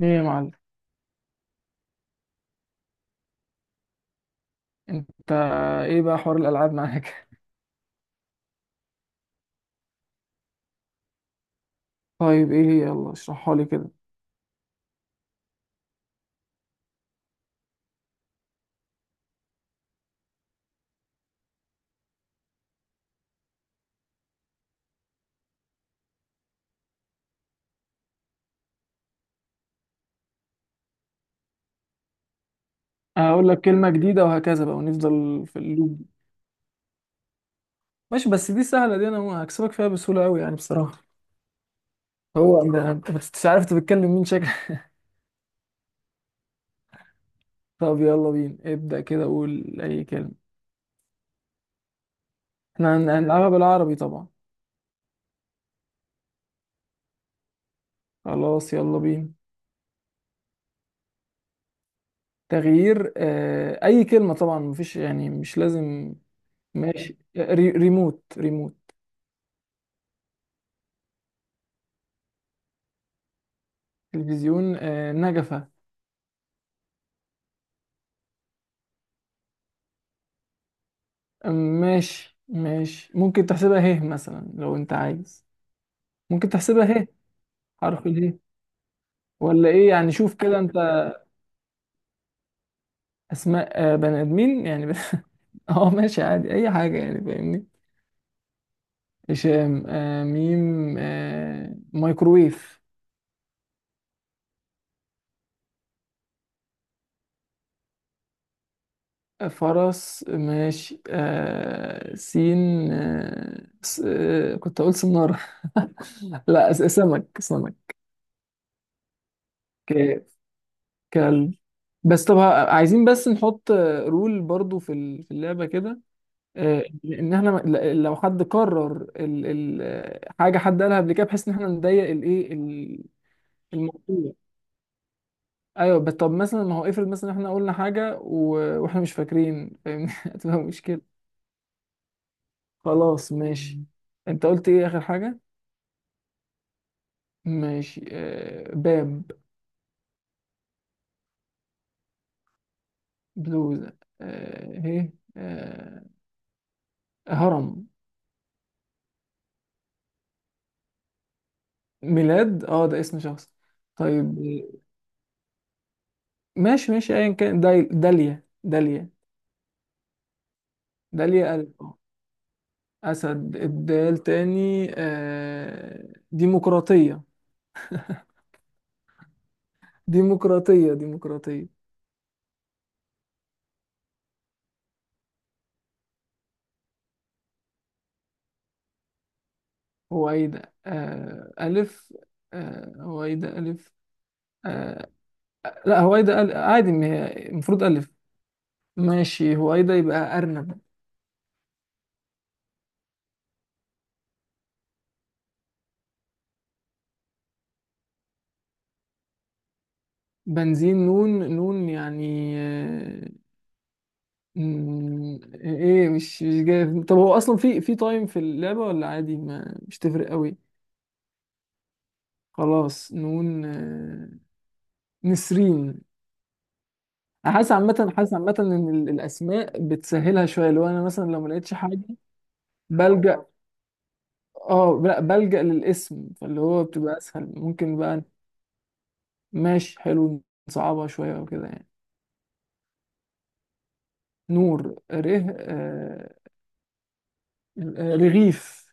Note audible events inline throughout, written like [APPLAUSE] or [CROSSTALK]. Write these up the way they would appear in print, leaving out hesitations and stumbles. ايه يا معلم، انت، ايه بقى حوار الالعاب معاك؟ [LAUGHS] طيب، ايه هي؟ يلا اشرحها لي كده. هقول لك كلمه جديده وهكذا بقى، ونفضل في اللوب دي. ماشي، بس دي سهله، دي انا هكسبك فيها بسهوله قوي يعني بصراحه. هو انا أنت مش عارف انت بتتكلم مين، شكل. [LAUGHS] طب يلا بينا، ابدا كده، قول اي كلمه. احنا هنلعبها بالعربي طبعا. خلاص، يلا بينا. تغيير. اي كلمه طبعا، مفيش يعني، مش لازم. ماشي. ريموت ريموت. تلفزيون. نجفه. ماشي، ماشي. ممكن تحسبها هيه مثلا، لو انت عايز. ممكن تحسبها هيه. حرف الهيه. ولا ايه يعني؟ شوف كده انت. اسماء. بني ادمين يعني [LAUGHS] اه، ماشي، عادي اي حاجه يعني، فاهمني. هشام. ميم. مايكرويف. فرس. ماشي. سين. آه س... آه كنت اقول سنارة. [LAUGHS] لا، سمك سمك. ك... كلب. بس طب، عايزين بس نحط رول برضو في اللعبة كده. ان احنا لو حد كرر ال حاجه حد قالها قبل كده، بحيث ان احنا نضيق الايه الموضوع. ايوه، بس طب مثلا، ما هو افرض مثلا احنا قلنا حاجه واحنا مش فاكرين، فاهمني، [LAUGHS] هتبقى مشكله. خلاص، ماشي. انت قلت ايه اخر حاجه؟ ماشي. باب. بلوزه. ايه. هرم. ميلاد، اه ده اسم شخص. طيب. ماشي، ماشي، ايا كان. داليا داليا. داليا، قلب. أسد، الدال تاني. ديمقراطية. ديمقراطية ديمقراطية. هويدا. ألف. هويدا، ألف. آه لا، هويدا عادي، ما هي المفروض ألف. ماشي، هويدا يبقى أرنب. بنزين، نون. نون يعني. ايه، مش جاي. طب هو اصلا في تايم في اللعبة، ولا عادي؟ ما مش تفرق قوي. خلاص، نون. نسرين. انا حاسس عامه ان الاسماء بتسهلها شويه، لو انا مثلا، لو ما لقيتش حاجه، بلجأ. اه لا، بلجأ للاسم، فاللي هو بتبقى اسهل ممكن بقى. ماشي، حلو، نصعبها شويه وكده يعني. نور، ره. آه رغيف.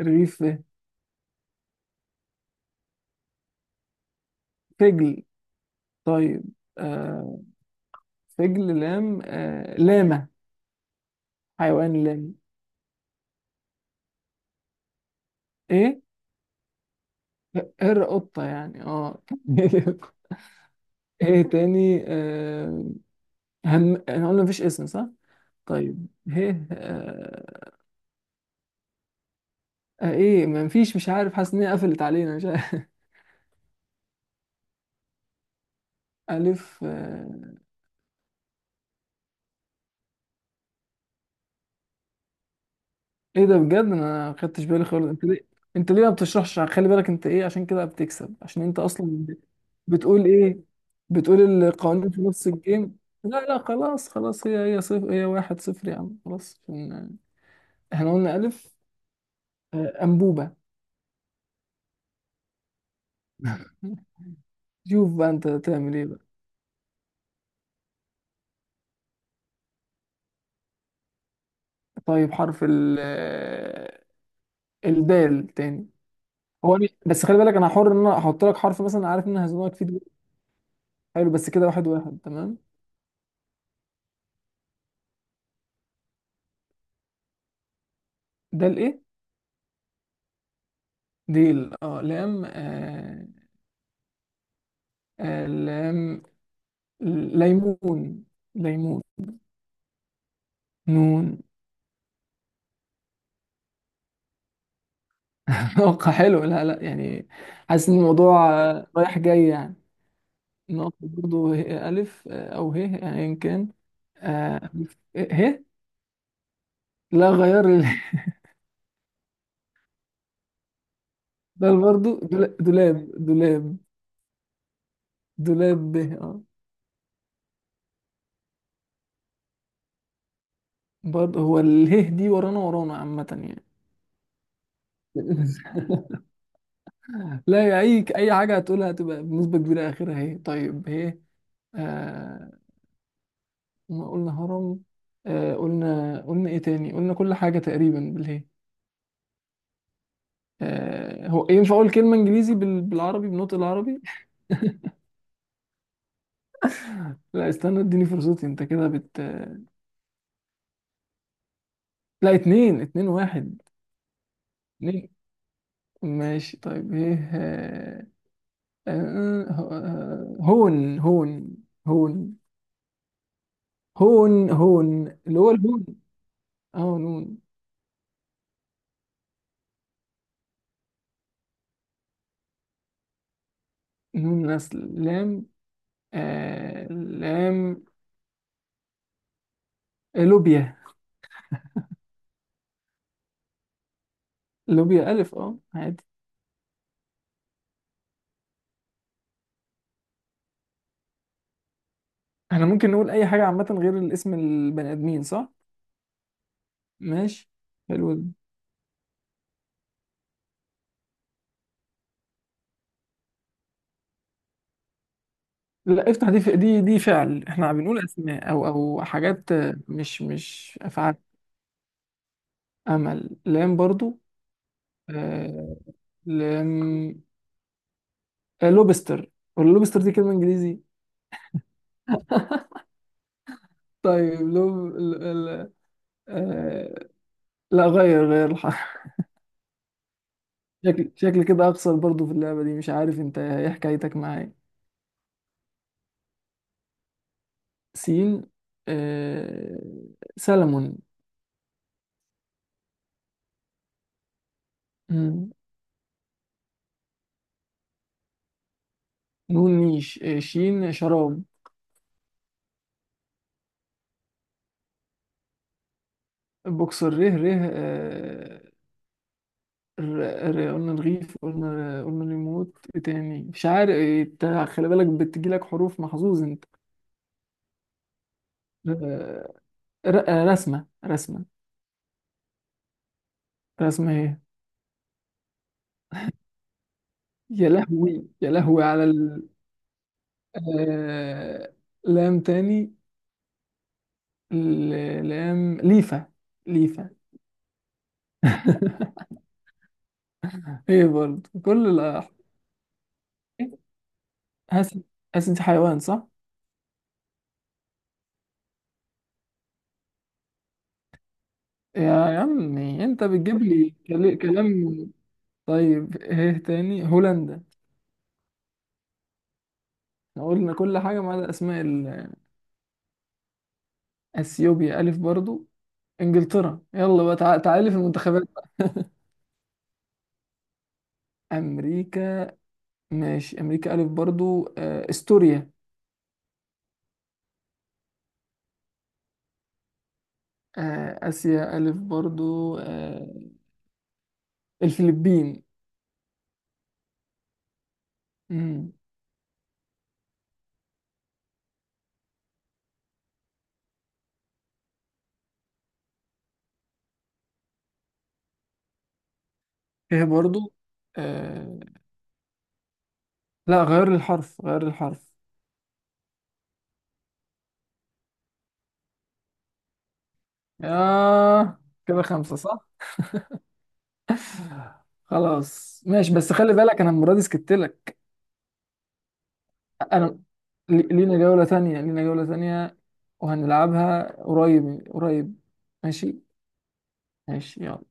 رغيف، ايه. فجل. طيب. آه فجل، لام. لامه. حيوان، لام. ايه. هر، قطه يعني، اه. [LAUGHS] ايه تاني؟ آه هم انا قلنا مفيش اسم صح؟ طيب، هيه. ايه، ما فيش، مش عارف، حاسس ان هي قفلت علينا، مش عارف. [LAUGHS] الف. ايه ده، بجد انا ما خدتش بالي خالص. انت ليه؟ انت ليه ما بتشرحش؟ خلي بالك انت، ايه؟ عشان كده بتكسب، عشان انت اصلا بتقول ايه؟ بتقول القوانين في نص الجيم. لا لا، خلاص خلاص، هي صفر، هي 1-0 يا عم، خلاص احنا قلنا الف. انبوبة. [LAUGHS] شوف بقى انت تعمل ايه بقى. طيب، حرف ال. الدال تاني. هو بس خلي بالك، انا حر ان انا احط لك حرف مثلا، عارف ان انا هزنقك فيه دلوقتي. حلو، بس كده 1-1، تمام. ده الايه؟ دي اه، لام. لام، ليمون. ليمون، نون. [LAUGHS] نقطة، حلو، لا لا يعني. حاسس ان الموضوع رايح جاي يعني. نقطة برضه، ألف. أو ه يعني، إن كان. آه، ه. لا، غير [LAUGHS] ده برضه، دولاب. دولاب. دولاب، ب، اه. برضه هو اله دي ورانا ورانا، عامة يعني. [LAUGHS] لا يا، اي حاجه هتقولها هتبقى بنسبه كبيره اخرها هي. طيب، هي. آه ما قلنا هرم. قلنا ايه تاني؟ قلنا كل حاجه تقريبا بالهي. هو ينفع اقول كلمه انجليزي بالعربي، بنطق العربي؟ [LAUGHS] لا، استنى، اديني فرصتي. انت كده لا، اتنين، 2-1. اتنين. ماشي. طيب، ايه؟ آه آه، هون هون. هون هون. هون، اللي هو الهون. اه، نون. نون، نسل. لام. لام، لوبيا. لوبيا، ألف، اه عادي. احنا ممكن نقول أي حاجة عامة غير الاسم البني آدمين، صح؟ ماشي. حلو ده. لا، افتح، دي فعل. احنا بنقول أسماء، أو حاجات، مش أفعال. أمل، لام برضو. آه لام. لوبستر. واللوبستر دي كلمة إنجليزي. [LAUGHS] طيب، لو آه... لا، غير الحرف. شكل كده اخسر برضو في اللعبة دي، مش عارف انت ايه حكايتك معايا. سين. آه، سلمون. مم. نون، نيش. شين، شراب. بوكسر، ره. قلنا رغيف، قلنا ريموت، إيه تاني؟ مش عارف إيه، إنت خلي بالك بتجيلك حروف، محظوظ انت. آه، رسمة. رسمة، ايه. يا لهوي، يا لهوي على آه، لام تاني. لام، ليفا. ليفا. [LAUGHS] ايه برضه، كل الأحرف. حاسس حاسس انت حيوان، صح؟ يا عمي، انت بتجيب لي كلام. طيب، ايه تاني؟ هولندا. احنا قلنا كل حاجة ما عدا اسماء اثيوبيا، الف برضو. انجلترا. يلا بقى، تعالي في المنتخبات. امريكا. ماشي، امريكا الف برضو. استوريا. اسيا، الف برضو. الفلبين. مم. ايه برضو. آه، لا، غير الحرف، غير الحرف. آه كده خمسة صح؟ [LAUGHS] خلاص، ماشي، بس خلي بالك، انا المره دي سكت لك. انا لينا جوله ثانيه، لينا جوله ثانيه. وهنلعبها قريب قريب. ماشي. ماشي، يلا.